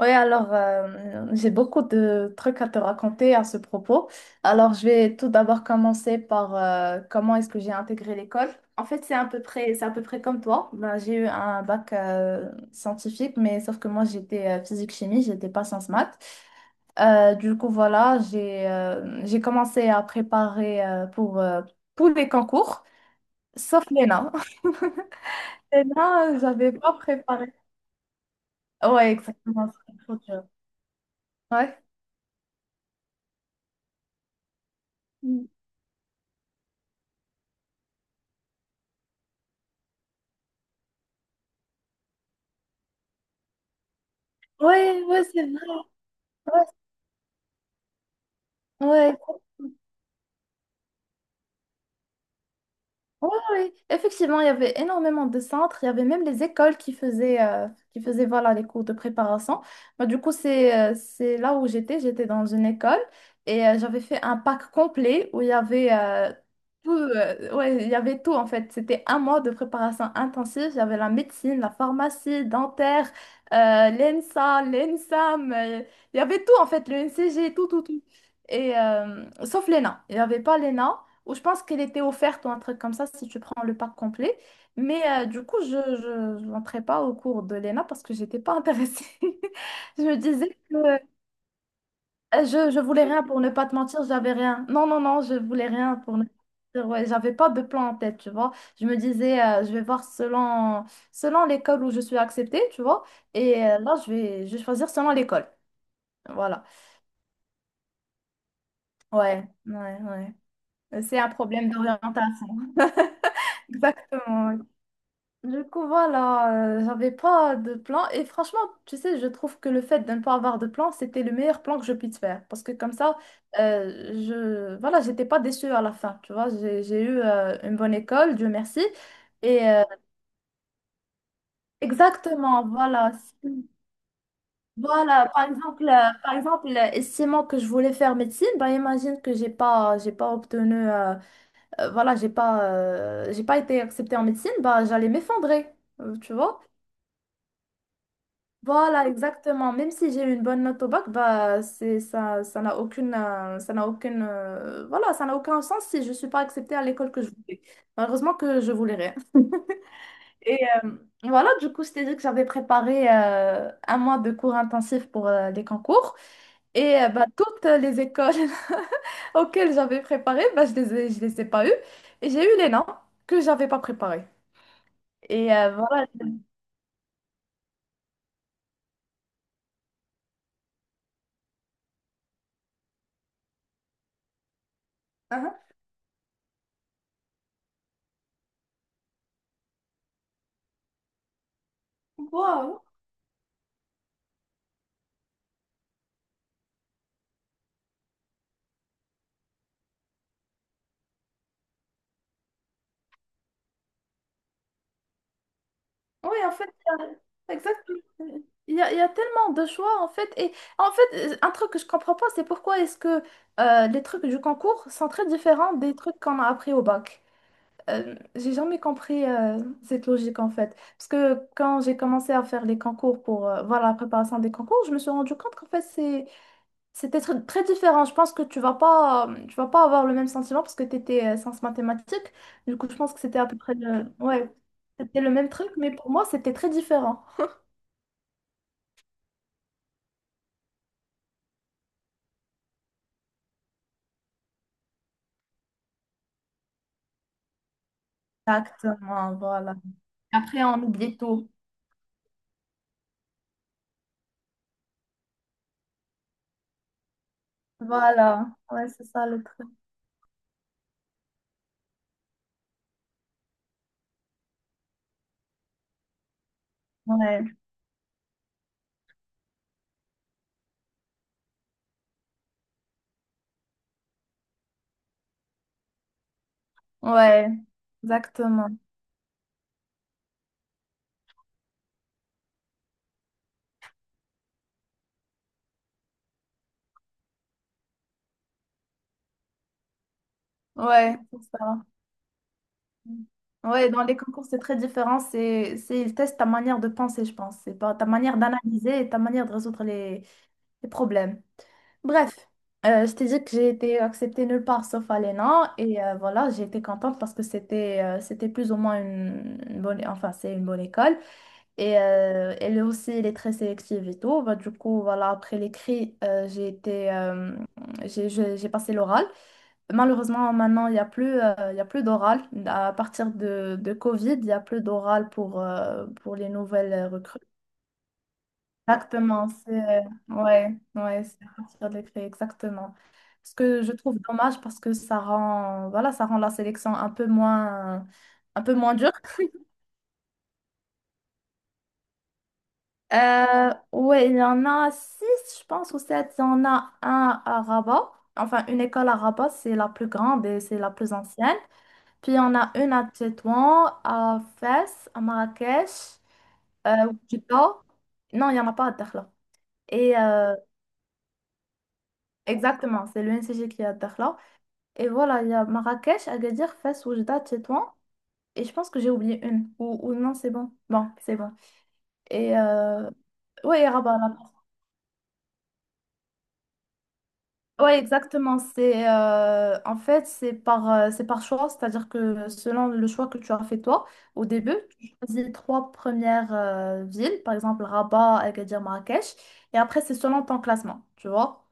Oui, alors j'ai beaucoup de trucs à te raconter à ce propos. Alors je vais tout d'abord commencer par comment est-ce que j'ai intégré l'école. En fait, c'est à peu près comme toi. Ben, j'ai eu un bac scientifique, mais sauf que moi j'étais physique-chimie, j'étais pas sciences maths. Du coup, voilà, j'ai commencé à préparer pour tous les concours, sauf l'ENA. L'ENA, j'avais pas préparé. Ouais, exactement, c'est trop dur. Ouais. Ouais, ouais, c'est vrai. Ouais, ouais. Oui, oui, effectivement, il y avait énormément de centres, il y avait même les écoles qui faisaient voilà, les cours de préparation. Bah, du coup, c'est là où j'étais dans une école et j'avais fait un pack complet où il y avait, tout, ouais, il y avait tout en fait. C'était un mois de préparation intensive, j'avais la médecine, la pharmacie, dentaire, l'ENSA, l'ENSAM, il y avait tout en fait, le NCG, tout, tout, tout. Et sauf l'ENA, il n'y avait pas l'ENA. Ou je pense qu'elle était offerte ou un truc comme ça si tu prends le pack complet. Mais du coup, je n'entrais pas au cours de l'ENA parce que j'étais pas intéressée. Je me disais que je voulais rien pour ne pas te mentir, j'avais rien. Non, non, non, je voulais rien pour ne pas te mentir. Ouais, j'avais pas de plan en tête, tu vois. Je me disais, je vais voir selon, selon l'école où je suis acceptée, tu vois. Et là, je vais choisir selon l'école. Voilà. Ouais, ouais, ouais. C'est un problème d'orientation. Exactement, ouais. Du coup, voilà, j'avais pas de plan. Et franchement, tu sais, je trouve que le fait de ne pas avoir de plan, c'était le meilleur plan que je puisse faire. Parce que comme ça, je voilà, j'étais pas déçue à la fin. Tu vois, j'ai eu une bonne école, Dieu merci. Et exactement, voilà. Voilà, par exemple, estimant que je voulais faire médecine, bah imagine que j'ai pas obtenu, voilà, j'ai pas été acceptée en médecine, bah j'allais m'effondrer, tu vois. Voilà, exactement. Même si j'ai eu une bonne note au bac, bah, ça n'a ça n'a voilà, ça n'a aucun sens si je ne suis pas acceptée à l'école que je voulais. Malheureusement que je voulais rien. Et euh, voilà, du coup, je t'ai dit que j'avais préparé un mois de cours intensifs pour les concours. Et bah, toutes les écoles auxquelles j'avais préparé, bah, je les ai pas eues. Et j'ai eu les noms que j'avais pas préparés. Et voilà. Wow. Oui, en fait, exactement. Il y a tellement de choix, en fait. Et en fait, un truc que je comprends pas, c'est pourquoi est-ce que les trucs du concours sont très différents des trucs qu'on a appris au bac. J'ai jamais compris cette logique, en fait. Parce que quand j'ai commencé à faire les concours pour voilà, la préparation des concours, je me suis rendu compte qu'en fait, très différent. Je pense que tu vas pas avoir le même sentiment parce que tu étais sciences mathématiques. Du coup, je pense que c'était à peu près le, ouais, c'était le même truc, mais pour moi, c'était très différent. Exactement, voilà. Après, on oublie tout. Voilà, ouais, c'est ça le truc. Ouais, ouais, exactement. Ouais, c'est ça. Ouais, dans les concours, c'est très différent. Ils testent ta manière de penser, je pense. C'est pas ta manière d'analyser et ta manière de résoudre les problèmes. Bref, je t'ai dit que j'ai été acceptée nulle part sauf à l'ENA et voilà, j'ai été contente parce que c'était plus ou moins une bonne, enfin c'est une bonne école et elle est très sélective et tout. Bah, du coup, voilà, après l'écrit, j'ai passé l'oral. Malheureusement, maintenant, il y a plus d'oral. À partir de Covid, il y a plus d'oral pour les nouvelles recrues. Exactement, c'est ouais, ouais, c'est à partir de l'écrit, exactement. Ce que je trouve dommage parce que ça rend voilà, ça rend la sélection un peu moins dure. Ouais, il y en a six, je pense, ou sept. Il y en a un à Rabat. Enfin, une école à Rabat, c'est la plus grande et c'est la plus ancienne. Puis, il y en a une à Tétouan, à Fès, à Marrakech, au non, il n'y en a pas à Dakhla. Et exactement, c'est l'UNCG qui est à Dakhla. Et voilà, il y a Marrakech, Agadir, Fès, Oujda, Tétouan. Et je pense que j'ai oublié une. Ou non, c'est bon. Bon, c'est bon. Et ouais, et Rabat là. Ouais, exactement. C'est en fait c'est par choix, c'est-à-dire que selon le choix que tu as fait toi au début, tu choisis les trois premières villes, par exemple Rabat, Agadir, Marrakech, et après c'est selon ton classement, tu vois.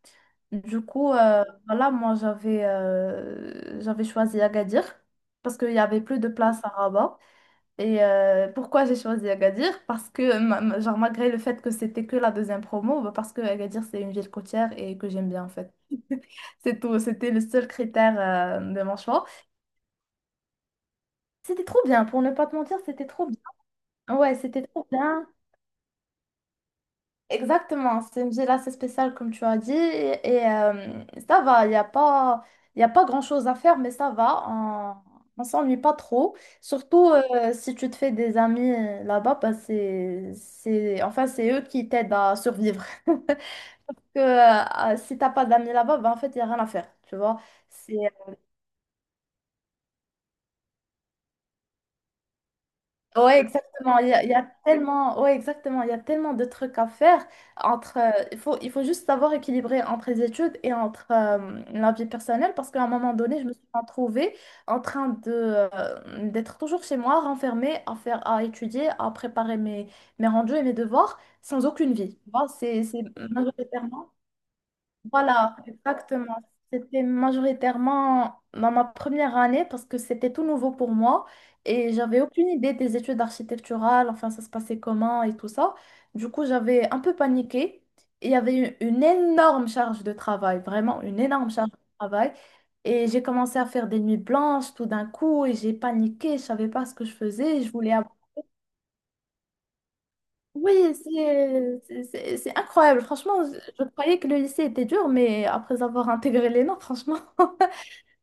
Du coup, voilà, moi j'avais choisi Agadir parce qu'il y avait plus de place à Rabat. Et pourquoi j'ai choisi Agadir? Parce que, genre, malgré le fait que c'était que la deuxième promo, bah, parce que Agadir, c'est une ville côtière et que j'aime bien, en fait. C'est tout, c'était le seul critère de mon choix. C'était trop bien, pour ne pas te mentir, c'était trop bien. Ouais, c'était trop bien. Exactement, c'est une ville assez spéciale comme tu as dit et, ça va, il y a pas grand-chose à faire mais ça va, on s'ennuie pas trop. Surtout si tu te fais des amis là-bas, bah, enfin, c'est eux qui t'aident à survivre. Que, si t'as pas d'amis là-bas, bah, en fait, il n'y a rien à faire, tu vois. Ouais, exactement. Il y a tellement, ouais, exactement. Il y a tellement de trucs à faire entre, il faut juste savoir équilibrer entre les études et entre la vie personnelle parce qu'à un moment donné, je me suis retrouvée en train de, d'être toujours chez moi, renfermée, à étudier, à préparer mes, mes rendus et mes devoirs sans aucune vie. Tu vois, c'est majoritairement. Voilà, exactement. C'était majoritairement dans ma première année parce que c'était tout nouveau pour moi et j'avais aucune idée des études architecturales, enfin ça se passait comment et tout ça. Du coup, j'avais un peu paniqué et il y avait eu une énorme charge de travail, vraiment une énorme charge de travail. Et j'ai commencé à faire des nuits blanches tout d'un coup et j'ai paniqué, je savais pas ce que je faisais, je voulais oui, c'est incroyable. Franchement, je croyais que le lycée était dur, mais après avoir intégré les notes, franchement,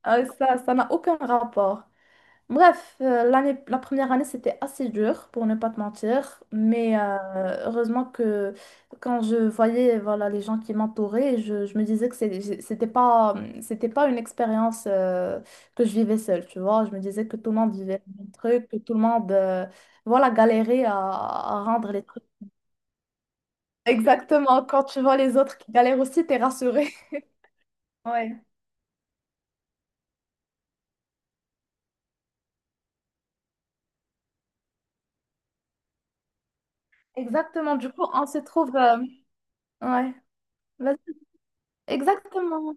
ça n'a aucun rapport. Bref, la première année, c'était assez dur, pour ne pas te mentir, mais heureusement que quand je voyais voilà, les gens qui m'entouraient, je me disais que c'était pas une expérience que je vivais seule, tu vois. Je me disais que tout le monde vivait le même truc, que tout le monde... voilà, galérait à rendre les trucs. Exactement, quand tu vois les autres qui galèrent aussi, t'es rassuré. Ouais, exactement. Du coup, on se trouve. Euh, ouais, vas-y. Exactement.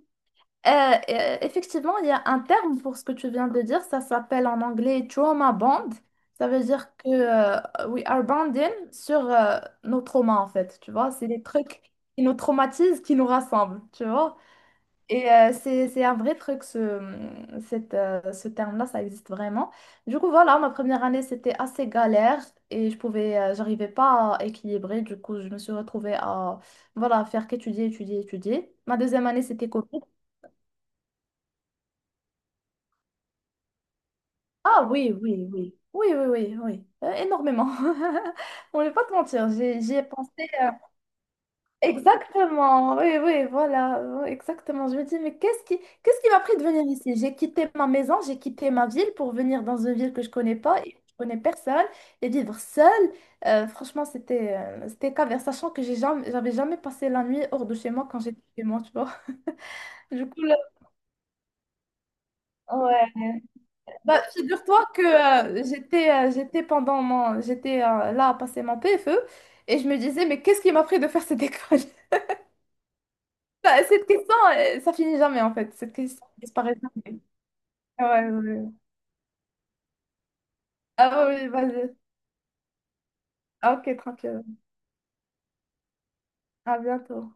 Euh, effectivement, il y a un terme pour ce que tu viens de dire. Ça s'appelle en anglais trauma bond. Ça veut dire que we are bonding sur nos traumas, en fait. Tu vois, c'est des trucs qui nous traumatisent, qui nous rassemblent. Tu vois? Et c'est un vrai truc, ce terme-là, ça existe vraiment. Du coup, voilà, ma première année, c'était assez galère et j'arrivais pas à équilibrer. Du coup, je me suis retrouvée à, voilà, faire qu'étudier, étudier, étudier. Ma deuxième année, c'était Covid. Ah oui, oui, oui. Oui, oui, oui, oui. Énormément. On ne va pas te mentir, j'y ai pensé. Exactement, oui, oui, voilà, oui, exactement. Je me dis, mais qu'est-ce qui m'a pris de venir ici? J'ai quitté ma maison, j'ai quitté ma ville pour venir dans une ville que je connais pas et je connais personne et vivre seule. Franchement, c'était caverne, sachant que j'avais jamais passé la nuit hors de chez moi quand j'étais chez moi, tu vois. Du coup, là, ouais. Bah, figure-toi que j'étais là à passer mon PFE et je me disais, mais qu'est-ce qui m'a pris de faire cette école? Bah, cette question, ça finit jamais en fait. Cette question disparaît jamais. Ouais, ouais. Ah oui, vas-y. Ah, Ok, tranquille. À bientôt.